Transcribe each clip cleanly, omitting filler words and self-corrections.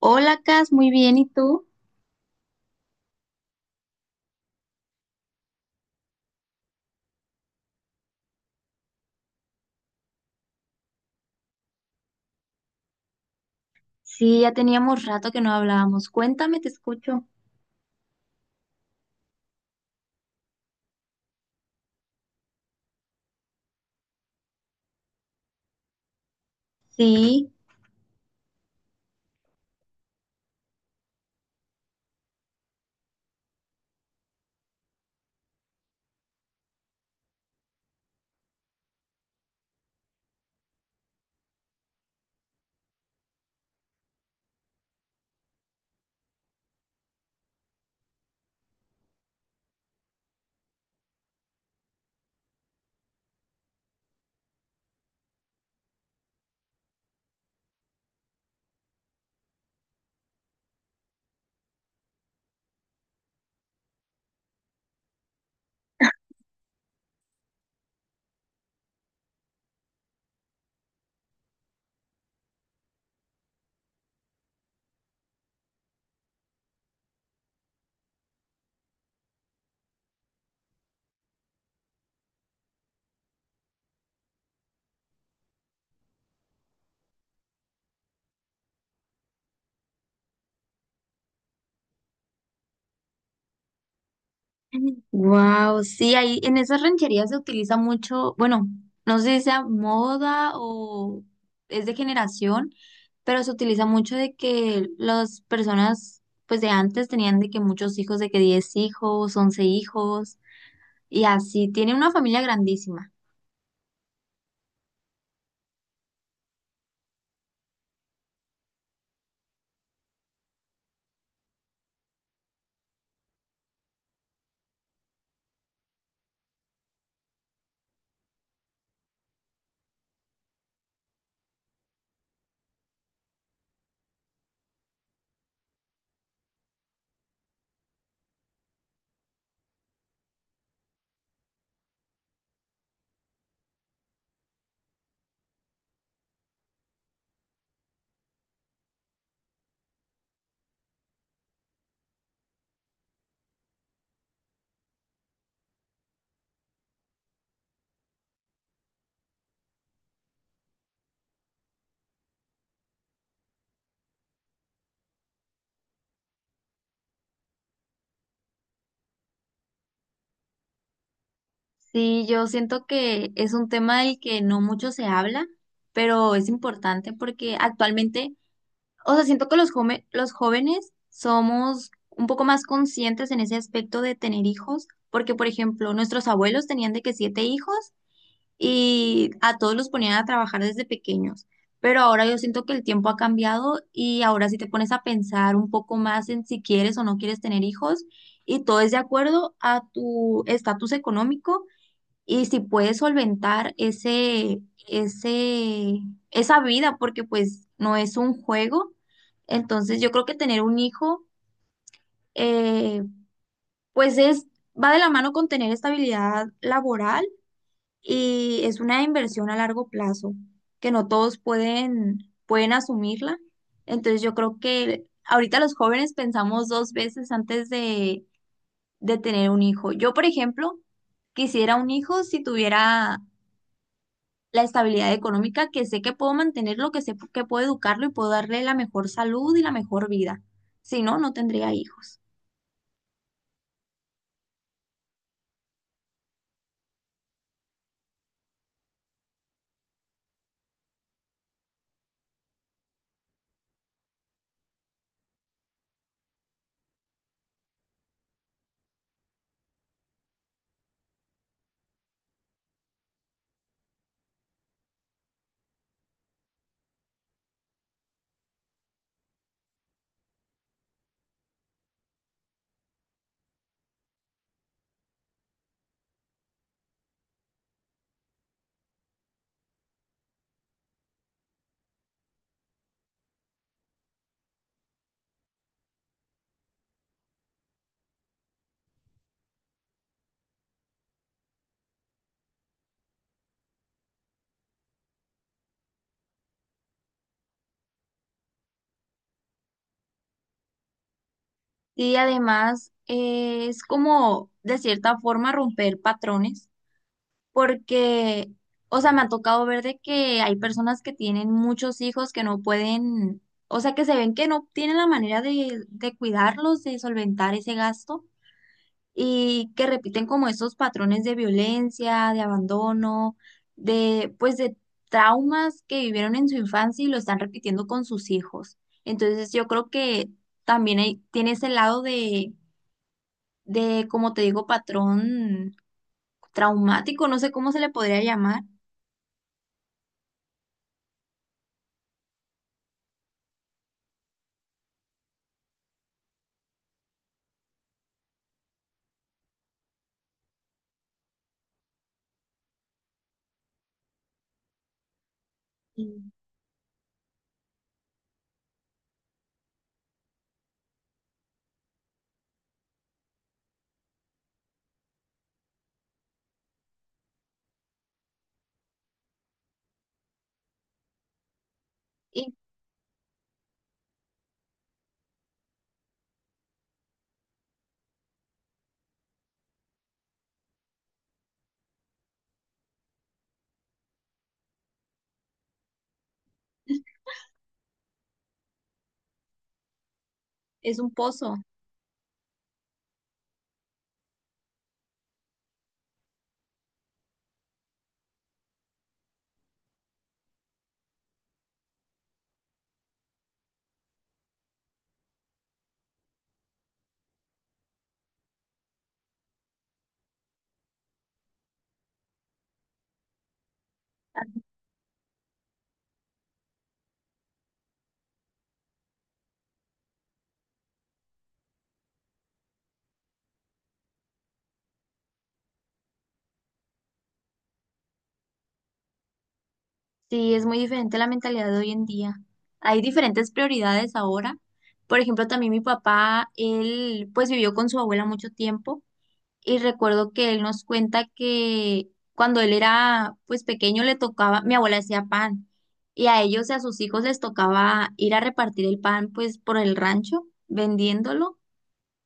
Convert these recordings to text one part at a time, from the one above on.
Hola, Cas, muy bien, ¿y tú? Sí, ya teníamos rato que no hablábamos. Cuéntame, te escucho. Sí, wow, sí, ahí en esas rancherías se utiliza mucho, bueno, no sé si sea moda o es de generación, pero se utiliza mucho de que las personas, pues de antes tenían de que muchos hijos, de que 10 hijos, 11 hijos, y así, tiene una familia grandísima. Sí, yo siento que es un tema del que no mucho se habla, pero es importante porque actualmente, o sea, siento que los los jóvenes somos un poco más conscientes en ese aspecto de tener hijos, porque por ejemplo, nuestros abuelos tenían de que siete hijos y a todos los ponían a trabajar desde pequeños, pero ahora yo siento que el tiempo ha cambiado y ahora si te pones a pensar un poco más en si quieres o no quieres tener hijos y todo es de acuerdo a tu estatus económico y si puedes solventar ese, esa vida, porque pues no es un juego. Entonces yo creo que tener un hijo, eh, pues va de la mano con tener estabilidad laboral y es una inversión a largo plazo, que no todos pueden asumirla. Entonces yo creo que ahorita los jóvenes pensamos dos veces antes de, tener un hijo. Yo, por ejemplo, quisiera un hijo si tuviera la estabilidad económica, que sé que puedo mantenerlo, que sé que puedo educarlo y puedo darle la mejor salud y la mejor vida. Si no, no tendría hijos. Y además es como, de cierta forma, romper patrones, porque, o sea, me ha tocado ver de que hay personas que tienen muchos hijos que no pueden, o sea, que se ven que no tienen la manera de, cuidarlos, de solventar ese gasto, y que repiten como esos patrones de violencia, de abandono, de pues de traumas que vivieron en su infancia y lo están repitiendo con sus hijos. Entonces yo creo que también tiene ese lado de, como te digo, patrón traumático, no sé cómo se le podría llamar. Y, y es un pozo. Sí, es muy diferente la mentalidad de hoy en día. Hay diferentes prioridades ahora. Por ejemplo, también mi papá, él pues vivió con su abuela mucho tiempo. Y recuerdo que él nos cuenta que cuando él era pues pequeño le tocaba, mi abuela hacía pan y a ellos y a sus hijos les tocaba ir a repartir el pan pues por el rancho vendiéndolo.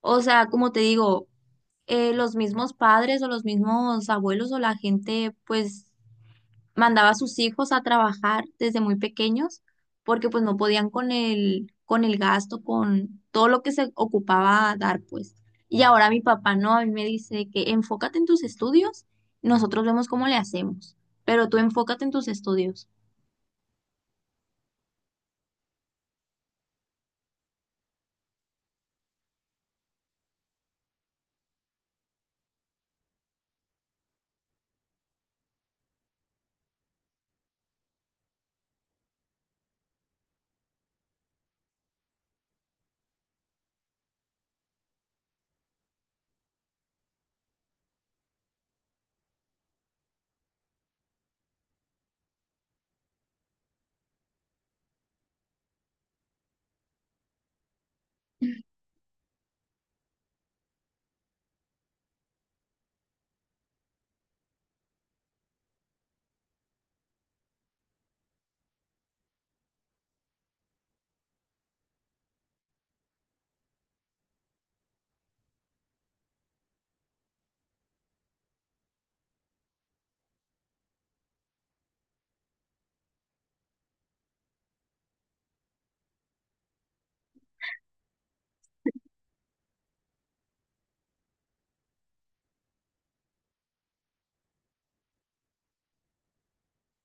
O sea, como te digo, los mismos padres o los mismos abuelos o la gente pues mandaba a sus hijos a trabajar desde muy pequeños porque pues no podían con el, gasto, con todo lo que se ocupaba a dar pues. Y ahora mi papá no, a mí me dice que enfócate en tus estudios, nosotros vemos cómo le hacemos, pero tú enfócate en tus estudios.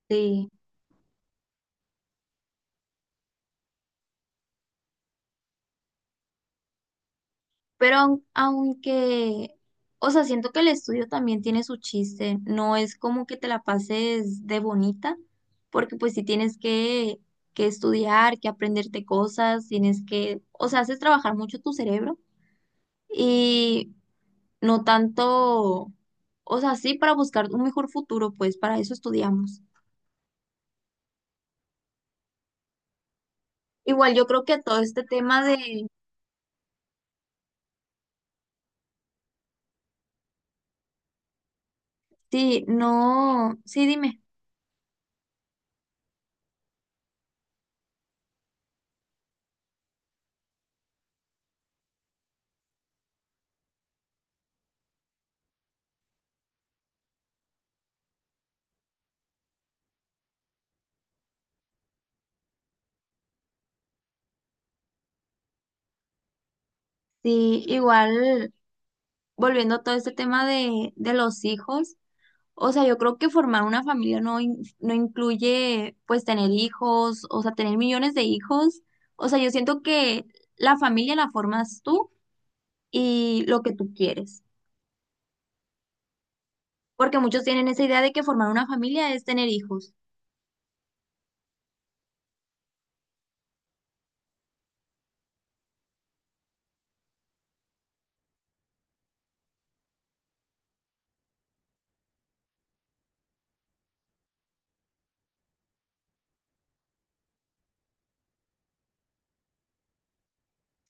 Sí. Pero aunque, o sea, siento que el estudio también tiene su chiste, no es como que te la pases de bonita, porque pues si tienes que, estudiar, que aprenderte cosas, tienes que, o sea, haces trabajar mucho tu cerebro y no tanto, o sea, sí para buscar un mejor futuro, pues para eso estudiamos. Igual yo creo que todo este tema de, sí, no, sí, dime, sí, igual volviendo a todo este tema de, los hijos. O sea, yo creo que formar una familia no, no incluye pues tener hijos, o sea, tener millones de hijos. O sea, yo siento que la familia la formas tú y lo que tú quieres. Porque muchos tienen esa idea de que formar una familia es tener hijos.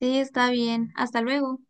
Sí, está bien. Hasta luego.